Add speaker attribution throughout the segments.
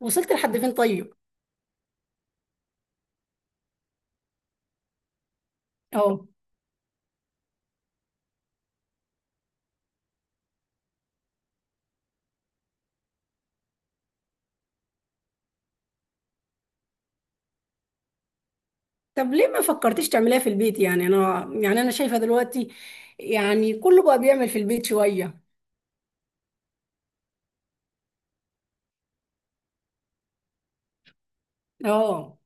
Speaker 1: وصلت لحد فين طيب؟ اه. طب ليه ما فكرتيش تعمليها في البيت؟ يعني انا يعني شايفه دلوقتي يعني كله بقى بيعمل في البيت شويه. اه.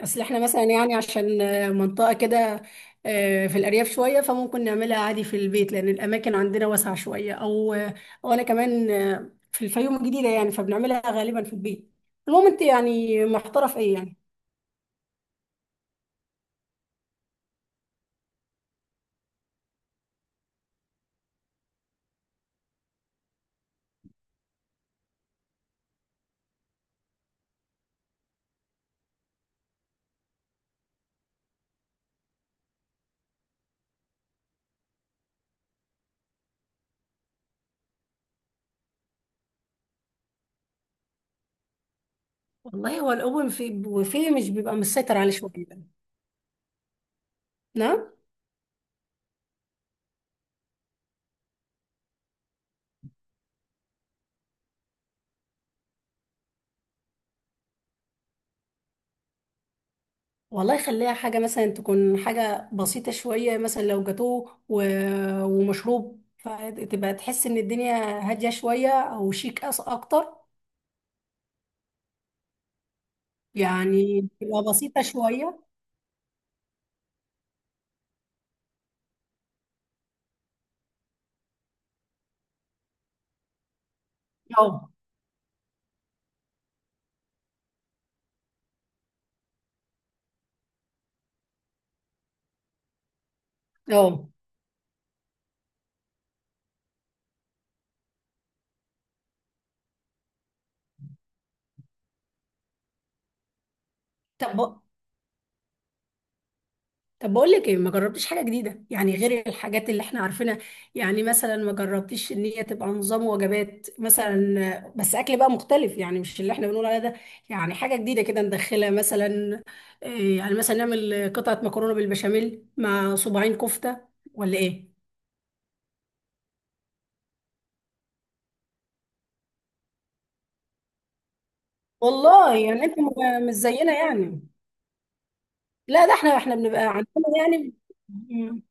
Speaker 1: اصل احنا مثلا يعني عشان منطقه كده، في الارياف شويه، فممكن نعملها عادي في البيت لان الاماكن عندنا واسعه شويه، او انا كمان في الفيوم الجديده يعني، فبنعملها غالبا في البيت. المهم انت يعني محتاره في ايه يعني؟ والله هو الأوبن في وفيه مش بيبقى مسيطر عليه شويه. نعم. والله خليها حاجة مثلا، تكون حاجة بسيطة شوية، مثلا لو جاتوه و... ومشروب، فتبقى تحس إن الدنيا هادية شوية أو شيك أس أكتر. يعني تبقى بسيطة شوية. اه. اه. طب طب بقول لك ايه، ما جربتيش حاجه جديده يعني، غير الحاجات اللي احنا عارفينها؟ يعني مثلا ما جربتيش ان هي تبقى نظام وجبات مثلا، بس اكل بقى مختلف يعني، مش اللي احنا بنقول عليه ده، يعني حاجه جديده كده ندخلها مثلا. إيه، يعني مثلا نعمل قطعه مكرونه بالبشاميل مع صباعين كفته، ولا ايه؟ والله يعني انت مش زينا يعني. لا ده احنا بنبقى عندنا يعني. مم.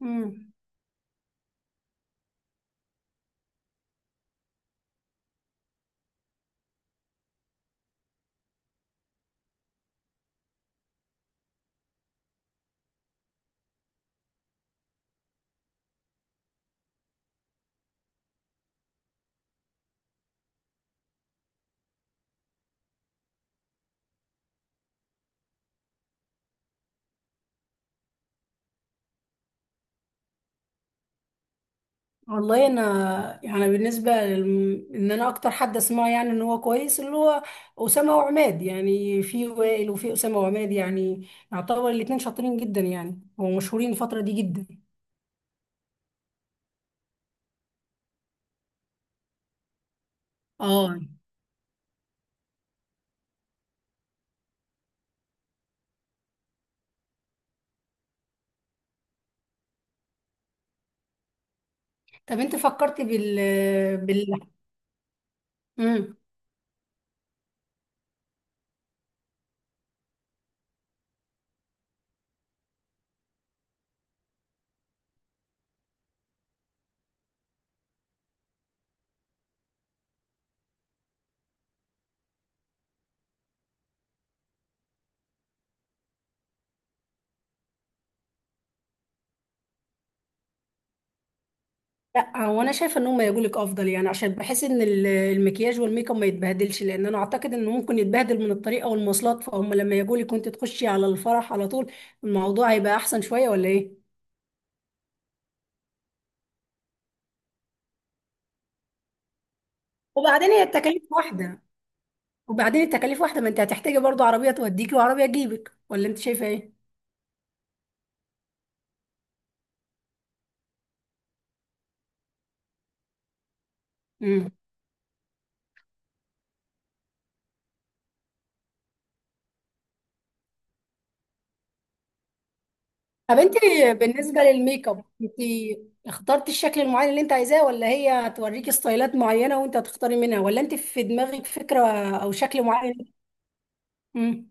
Speaker 1: مم. والله انا يعني ان انا اكتر حد اسمعه يعني ان هو كويس، اللي هو اسامه وعماد، يعني في وائل وفي اسامه وعماد، يعني يعتبر الاتنين شاطرين جدا يعني ومشهورين الفتره دي جدا. اه. طب انت فكرت بال مم. لا هو انا شايفه ان هم يجولك افضل يعني، عشان بحس ان المكياج والميك اب ما يتبهدلش، لان انا اعتقد انه ممكن يتبهدل من الطريقه والمواصلات. فهم لما يجولك وانت تخشي على الفرح على طول، الموضوع هيبقى احسن شويه، ولا ايه؟ وبعدين هي التكاليف واحدة. وبعدين التكاليف واحدة، ما انت هتحتاجي برضو عربية توديكي وعربية تجيبك، ولا انت شايفة ايه؟ امم. طب انت بالنسبة للميك اب، انت اخترتي الشكل المعين اللي انت عايزاه، ولا هي هتوريكي ستايلات معينة وانت هتختاري منها، ولا انت في دماغك فكرة او شكل معين؟ امم.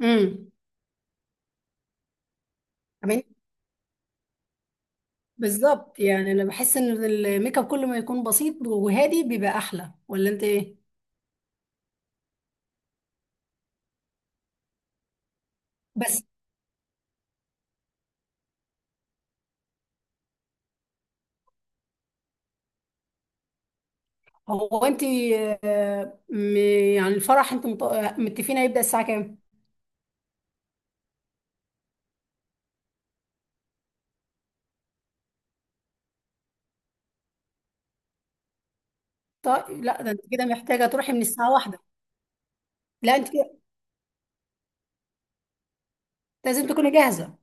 Speaker 1: امم. امين. بالظبط، يعني انا بحس ان الميك اب كل ما يكون بسيط وهادي بيبقى احلى، ولا انت ايه؟ بس هو انت آه، م- يعني الفرح انتوا متفقين هيبدأ الساعة كام؟ طيب لا ده انت كده محتاجه تروحي من الساعه واحدة. لا انت كده لازم تكوني جاهزه.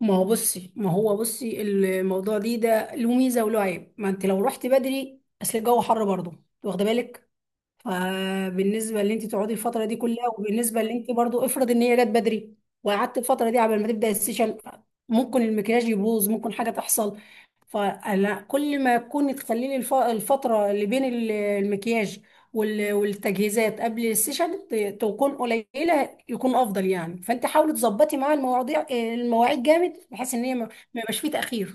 Speaker 1: ما هو بصي، الموضوع دي ده له ميزه وله عيب. ما انت لو رحتي بدري اصل الجو حر برضه، واخده بالك. فبالنسبه اللي انت تقعدي الفتره دي كلها، وبالنسبه اللي انت برضو، افرض ان هي جت بدري وقعدت الفتره دي قبل ما تبدا السيشن، ممكن المكياج يبوظ، ممكن حاجه تحصل. فلا، كل ما تكوني تخليلي الفتره اللي بين المكياج والتجهيزات قبل السيشن تكون قليله يكون افضل يعني. فانت حاولي تظبطي مع المواعيد جامد، بحيث ان هي ما يبقاش فيه تاخير.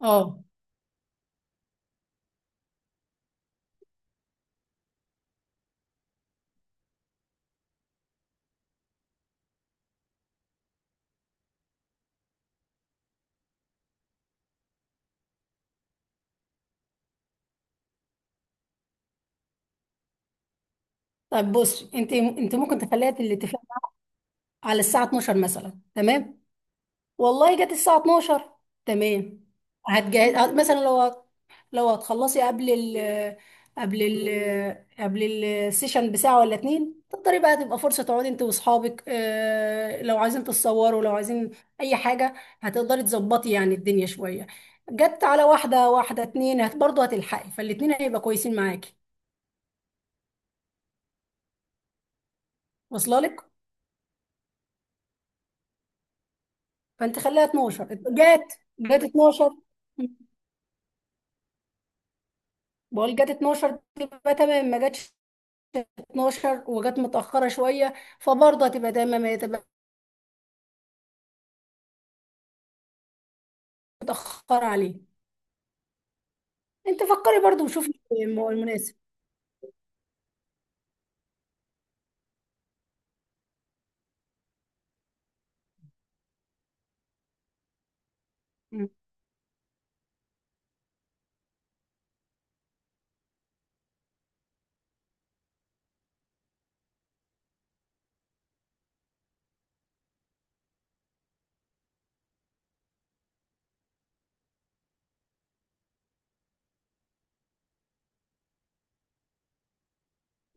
Speaker 1: اه. طب بص انت، ممكن تخليها الاتفاق على الساعه 12 مثلا، تمام، والله جت الساعة 12، تمام، هتجهز مثلا، لو هتخلصي قبل ال قبل ال قبل السيشن بساعة ولا اتنين، تقدري بقى تبقى فرصة تقعدي انت واصحابك، لو عايزين تتصوروا، لو عايزين اي حاجة، هتقدري تظبطي يعني الدنيا شوية. جت على واحدة، واحدة اتنين هت برضه هتلحقي، فالاتنين هيبقى كويسين معاكي. واصلة لك. فانت خليها 12، جت 12، بقول جت 12 تبقى تمام، ما جاتش 12 وجت متأخرة شوية فبرضه هتبقى دايما، ما تبقى متأخرة عليه. انت فكري برضه وشوفي المناسب. مم.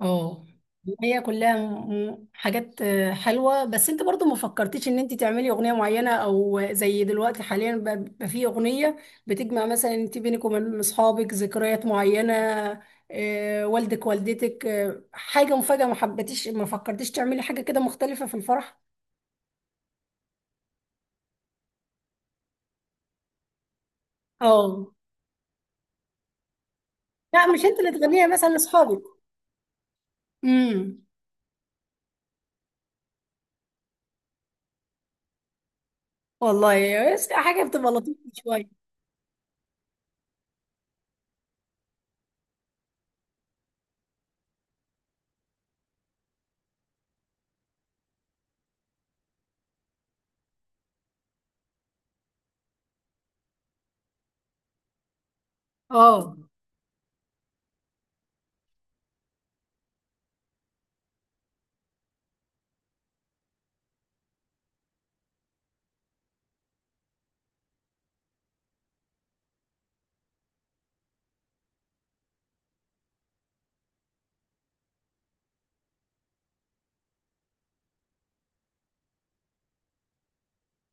Speaker 1: اه، هي كلها حاجات حلوة، بس انت برضه ما فكرتيش ان انت تعملي اغنية معينة، او زي دلوقتي حاليا بقى في اغنية بتجمع مثلا انت بينك وبين اصحابك ذكريات معينة، والدك والدتك، حاجة مفاجأة. ما حبيتيش ما فكرتيش تعملي حاجة كده مختلفة في الفرح؟ اه. لا، مش انت اللي تغنيها مثلا لاصحابك. امم. والله بس حاجه بتبقى لطيفه شويه. اه.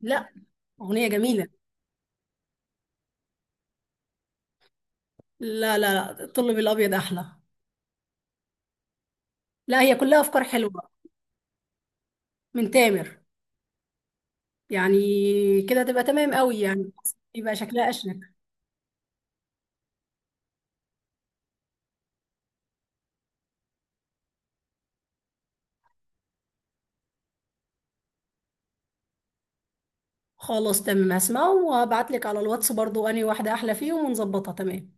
Speaker 1: لا، اغنيه جميله. لا لا لا، الطلب الابيض احلى. لا، هي كلها افكار حلوه من تامر يعني. كده تبقى تمام قوي يعني، يبقى شكلها اشنك. خلاص تمام، هسمعه وهبعت لك على الواتس برضو انهي واحده احلى فيهم ونظبطها تمام.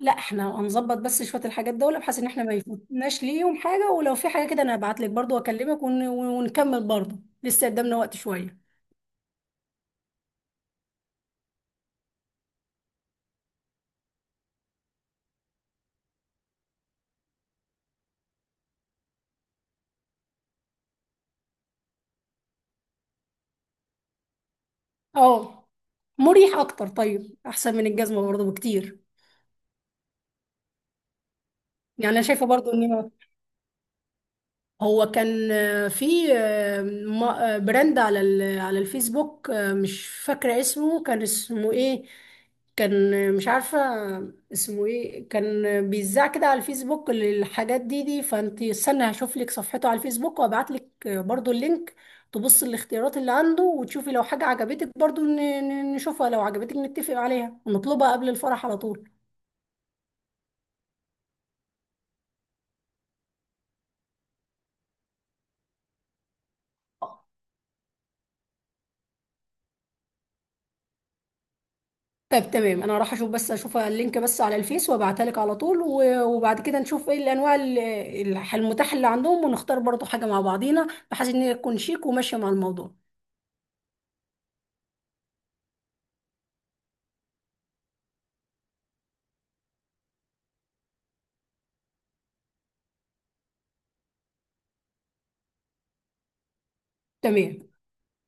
Speaker 1: لا احنا هنظبط بس شويه الحاجات دول، بحيث ان احنا ما يفوتناش ليهم حاجه. ولو في حاجه كده انا هبعت لك برضو واكلمك ون... ونكمل برضو. لسه قدامنا وقت شويه. اه. مريح اكتر. طيب احسن من الجزمه برضه بكتير. يعني انا شايفه برضه ان هو كان آه، في آه، م- آه، براند على على الفيسبوك، مش فاكره اسمه، كان اسمه ايه، كان مش عارفه اسمه ايه، كان بيذاع كده على الفيسبوك للحاجات دي. فانت استنى هشوف لك صفحته على الفيسبوك وابعت لك برضه اللينك، تبص الاختيارات اللي عنده وتشوفي لو حاجه عجبتك برضه، نشوفها لو عجبتك نتفق عليها ونطلبها قبل الفرح على طول. طب تمام، انا راح اشوف، بس اشوف اللينك بس على الفيس وابعتها لك على طول، وبعد كده نشوف ايه الانواع المتاحه اللي عندهم، ونختار برضو حاجه مع بعضينا، بحيث ان هي تكون شيك وماشيه مع الموضوع. تمام.